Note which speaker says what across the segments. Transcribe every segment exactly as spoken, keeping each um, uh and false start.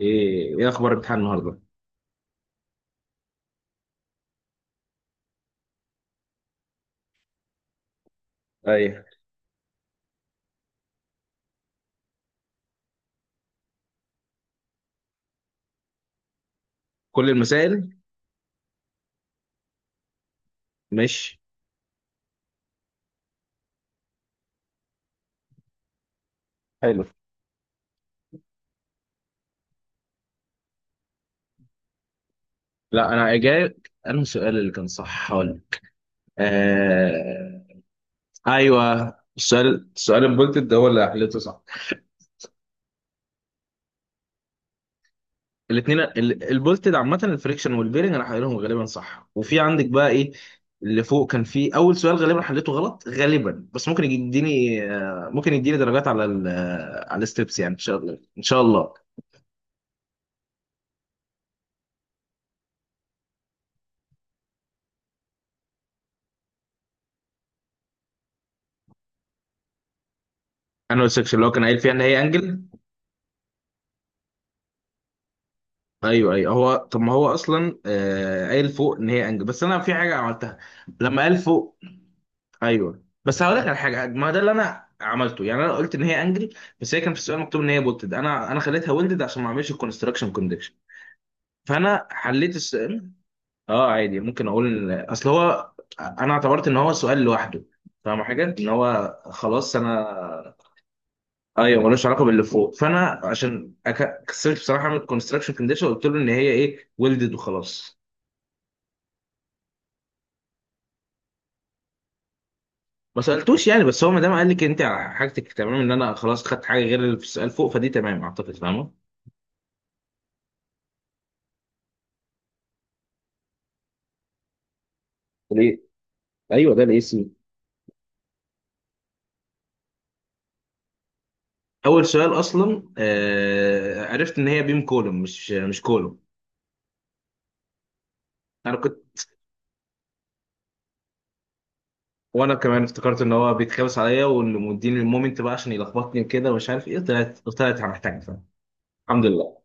Speaker 1: ايه ايه اخبار الامتحان النهارده؟ ايوه، كل المسائل مش. حلو. لا، انا جاي. انا السؤال اللي كان صح هقول. آه... ايوه، السؤال السؤال البولتد ده هو اللي حليته صح. الاثنين البولتد عامه، الفريكشن والبيرنج، انا حليتهم غالبا صح. وفي عندك بقى ايه اللي فوق؟ كان في اول سؤال غالبا حليته غلط غالبا، بس ممكن يديني آه، ممكن يديني درجات على ال... آه، على الستبس، يعني ان شاء الله ان شاء الله. انا السكشن اللي هو كان قايل فيها ان هي انجل. ايوه ايوه. هو طب ما هو اصلا آه قايل فوق ان هي انجب، بس انا في حاجه عملتها لما قال فوق. ايوه بس هقول لك على حاجه، ما ده اللي انا عملته، يعني انا قلت ان هي انجل، بس هي كان في السؤال مكتوب ان هي بولتد. انا انا خليتها ويلدد عشان ما اعملش الكونستراكشن كونديشن، فانا حليت السؤال. اه عادي ممكن اقول إن- اصل هو انا اعتبرت ان هو سؤال لوحده، فاهم حاجه ان هو خلاص انا. ايوه ملوش علاقه باللي فوق، فانا عشان أك- كسلت بصراحه اعمل كونستراكشن كونديشن، قلت له ان هي ايه ويلدد وخلاص. ما سالتوش يعني، بس هو ما دام قال لك انت على حاجتك تمام، ان انا خلاص خدت حاجه غير اللي في السؤال فوق، فدي تمام اعتقد، فاهمه؟ ليه؟ ايوه، ده الاي سي. اول سؤال اصلا آه عرفت ان هي بيم كولوم، مش مش كولوم. انا كنت. وانا كمان افتكرت ان هو بيتخابس عليا، واللي مديني المومنت بقى عشان يلخبطني وكده، ومش عارف ايه، طلعت طلعت محتاج، فاهم؟ الحمد لله.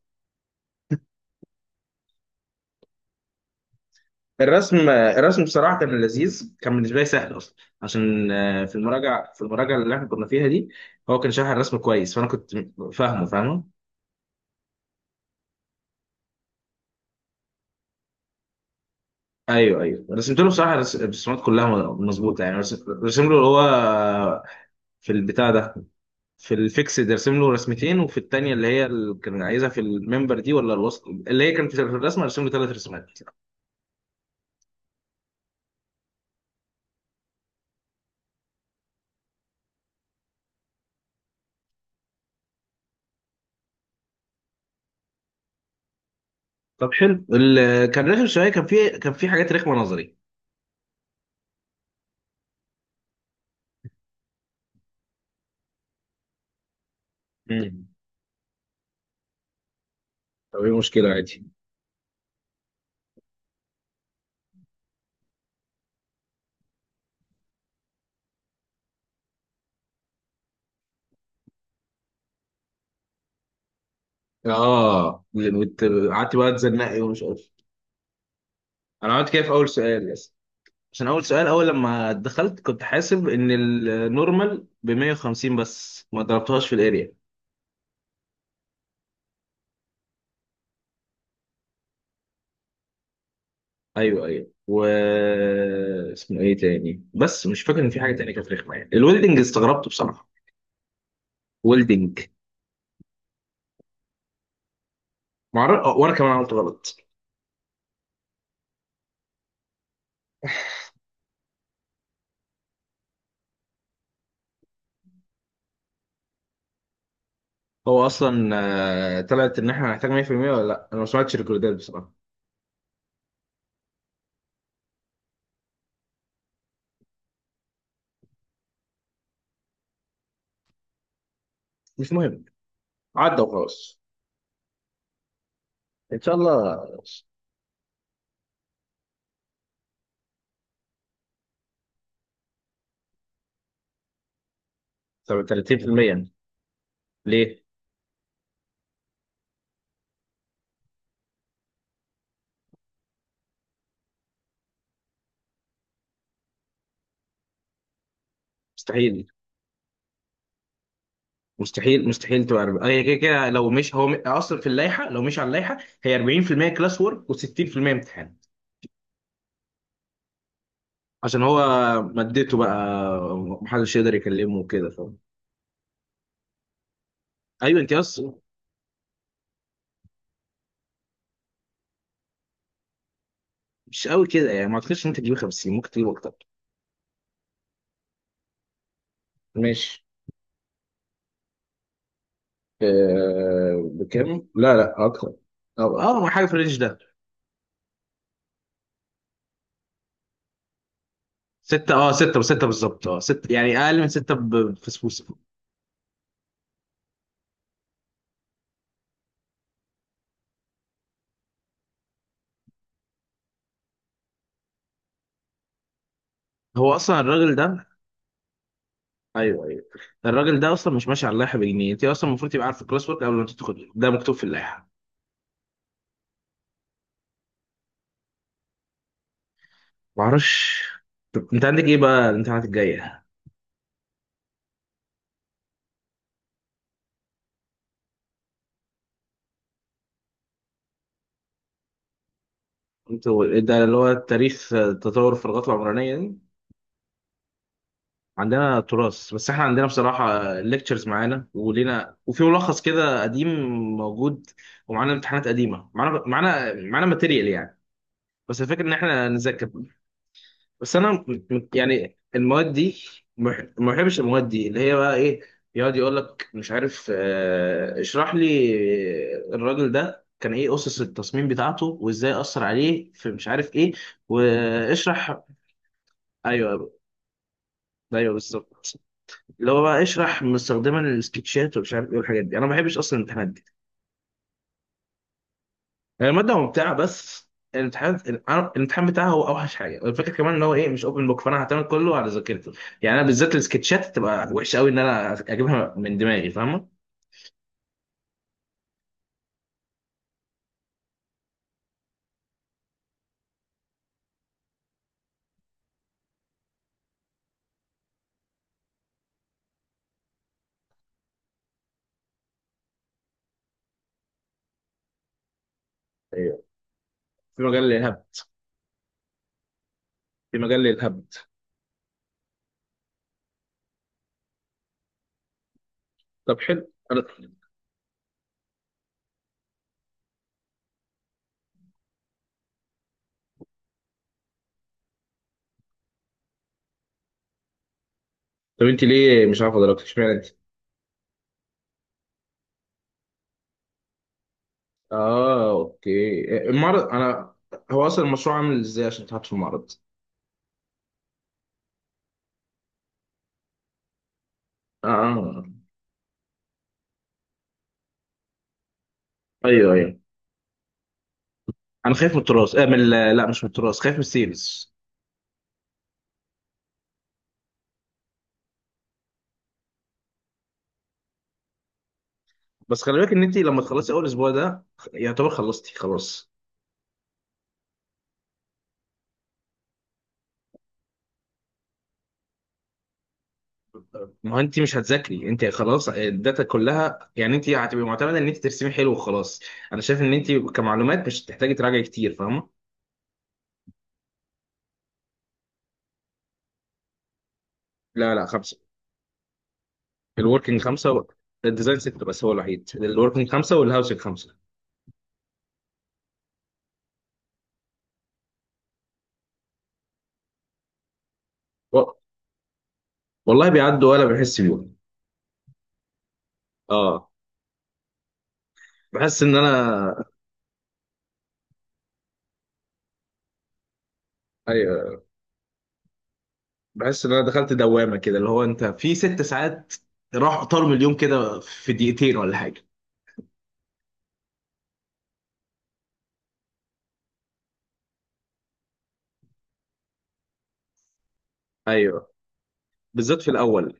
Speaker 1: الرسم الرسم بصراحه كان لذيذ، كان بالنسبه لي سهل اصلا، عشان آه، في المراجعه في المراجعه اللي احنا كنا فيها دي هو كان شارح الرسم كويس، فانا كنت فاهمه فاهمه. ايوه ايوه، رسمت له بصراحه، رس- الرسومات كلها م- مظبوطه، يعني رس- رسم له اللي هو في البتاع ده، في الفيكسد رسم له رسمتين، وفي الثانيه اللي هي اللي كان عايزها في الممبر دي ولا الوسط اللي هي كانت في الرسمه رسم له ثلاث رسومات. طب حلو. اللي كان رخم شويه، كان في كان في حاجات رخمه نظري. مم. طب ايه المشكلة؟ عادي. اه وت- قعدت بقى تزنقي ومش عارف. انا عملت كده في اول سؤال بس، عشان اول سؤال اول لما دخلت كنت حاسب ان النورمال ب مية وخمسين، بس ما ضربتهاش في الاريا. ايوه ايوه و. اسمه ايه تاني بس مش فاكر ان في حاجه تانية كانت رخمه، يعني الويلدنج استغربت بصراحه. ويلدنج. معر... آه، وانا كمان عملت غلط. هو اصلا آه، طلعت ان احنا هنحتاج مية في المية ولا لا، انا ما سمعتش الريكوردات بصراحه. مش مهم، عدى وخلاص. ان شاء الله. طب تلاتين في المية يعني. ليه؟ مستحيل مستحيل مستحيل تبقى اربعين، هي كده كده لو مش هو م- اصلا في اللائحه، لو مش على اللائحه هي اربعين في المية كلاس وورك و60% امتحان. عشان هو مادته بقى، محدش يقدر يكلمه وكده، فاهم؟ ايوه انت اصلا. مش قوي كده، يعني ما اعتقدش ان انت تجيب خمسين، ممكن تجيب اكتر. ماشي. آه بكام؟ لا لا، أكتر. أو أكتر، اه، حاجه في الرينج ده. ستة، اه ستة، وستة بالظبط، اه ستة، يعني اقل من ستة بفسفوسة. هو اصلا الراجل ده. ايوه ايوه. الراجل ده اصلا مش ماشي على اللائحه بجنيه. انت اصلا المفروض تبقى عارف الكلاس ورك قبل ما تدخل، ده مكتوب في اللائحه. ما اعرفش. طب انت عندك ايه بقى الامتحانات الجايه؟ انتوا ده اللي هو التاريخ، تطور الفراغات العمرانيه دي؟ عندنا تراث. بس احنا عندنا بصراحه ليكتشرز معانا ولينا، وفي ملخص كده قديم موجود، ومعانا امتحانات قديمه، معانا معانا معانا ماتيريال يعني. بس الفكره ان احنا نذاكر. بس انا م- م- يعني المواد دي مح- ما بحبش. المواد دي اللي هي بقى ايه، يقعد يقول لك مش عارف آه، اشرح لي الراجل ده كان ايه اسس التصميم بتاعته، وازاي اثر عليه في مش عارف ايه، واشرح. ايوه ايوه بالظبط. اللي هو بقى اشرح مستخدما السكتشات ومش عارف ايه، والحاجات دي انا ما بحبش اصلا الامتحانات دي. يعني الماده ممتعه، بس الامتحان الامتحان بتاعها هو اوحش حاجه، والفكره كمان ان هو ايه مش اوبن بوك، فانا هعتمد كله على ذاكرتي. يعني انا بالذات السكتشات تبقى وحشه قوي ان انا اجيبها من دماغي، فاهمه؟ ايوه. في مجال للهبد. في مجال للهبد. طب حلو. أنا... طب انت ليه مش عارفه دلوقتي؟ اشمعنى انت؟ اه اوكي المعرض، انا. هو اصلا المشروع عامل ازاي عشان تحط في المعرض؟ اه. ايوه ايوه، انا خايف من التراث، آه من ال- لا مش من التراث، خايف من السيلز. بس خلي بالك ان انت لما تخلصي اول اسبوع ده يعتبر خلصتي خلاص. ما هو انت مش هتذاكري، انت خلاص آه، الداتا كلها، يعني انت هتبقي معتمده ان انت ترسمي حلو وخلاص. انا شايف ان انت كمعلومات مش هتحتاجي تراجعي كتير، فاهمه؟ لا لا، خمسه. الوركينج خمسه. الديزاين سته، بس هو الوحيد. الوركينج خمسه والهاوسنج خمسه. و- والله بيعدوا ولا بحس بيهم. اه. بحس ان انا. ايوه بحس ان انا دخلت دوامه كده، اللي هو انت في ست ساعات راح طارم اليوم كده في دقيقتين ولا حاجه. ايوه بالذات في الاول.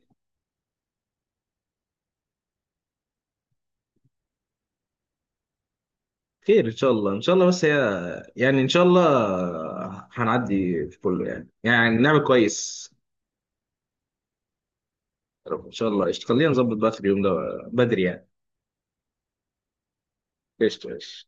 Speaker 1: خير ان شاء الله ان شاء الله. بس هي يعني ان شاء الله هنعدي في كله، يعني يعني نعمل كويس. يا رب ان شاء الله. قشطة. خلينا نظبط بقى في اليوم ده، بدري يعني. قشطة قشطة.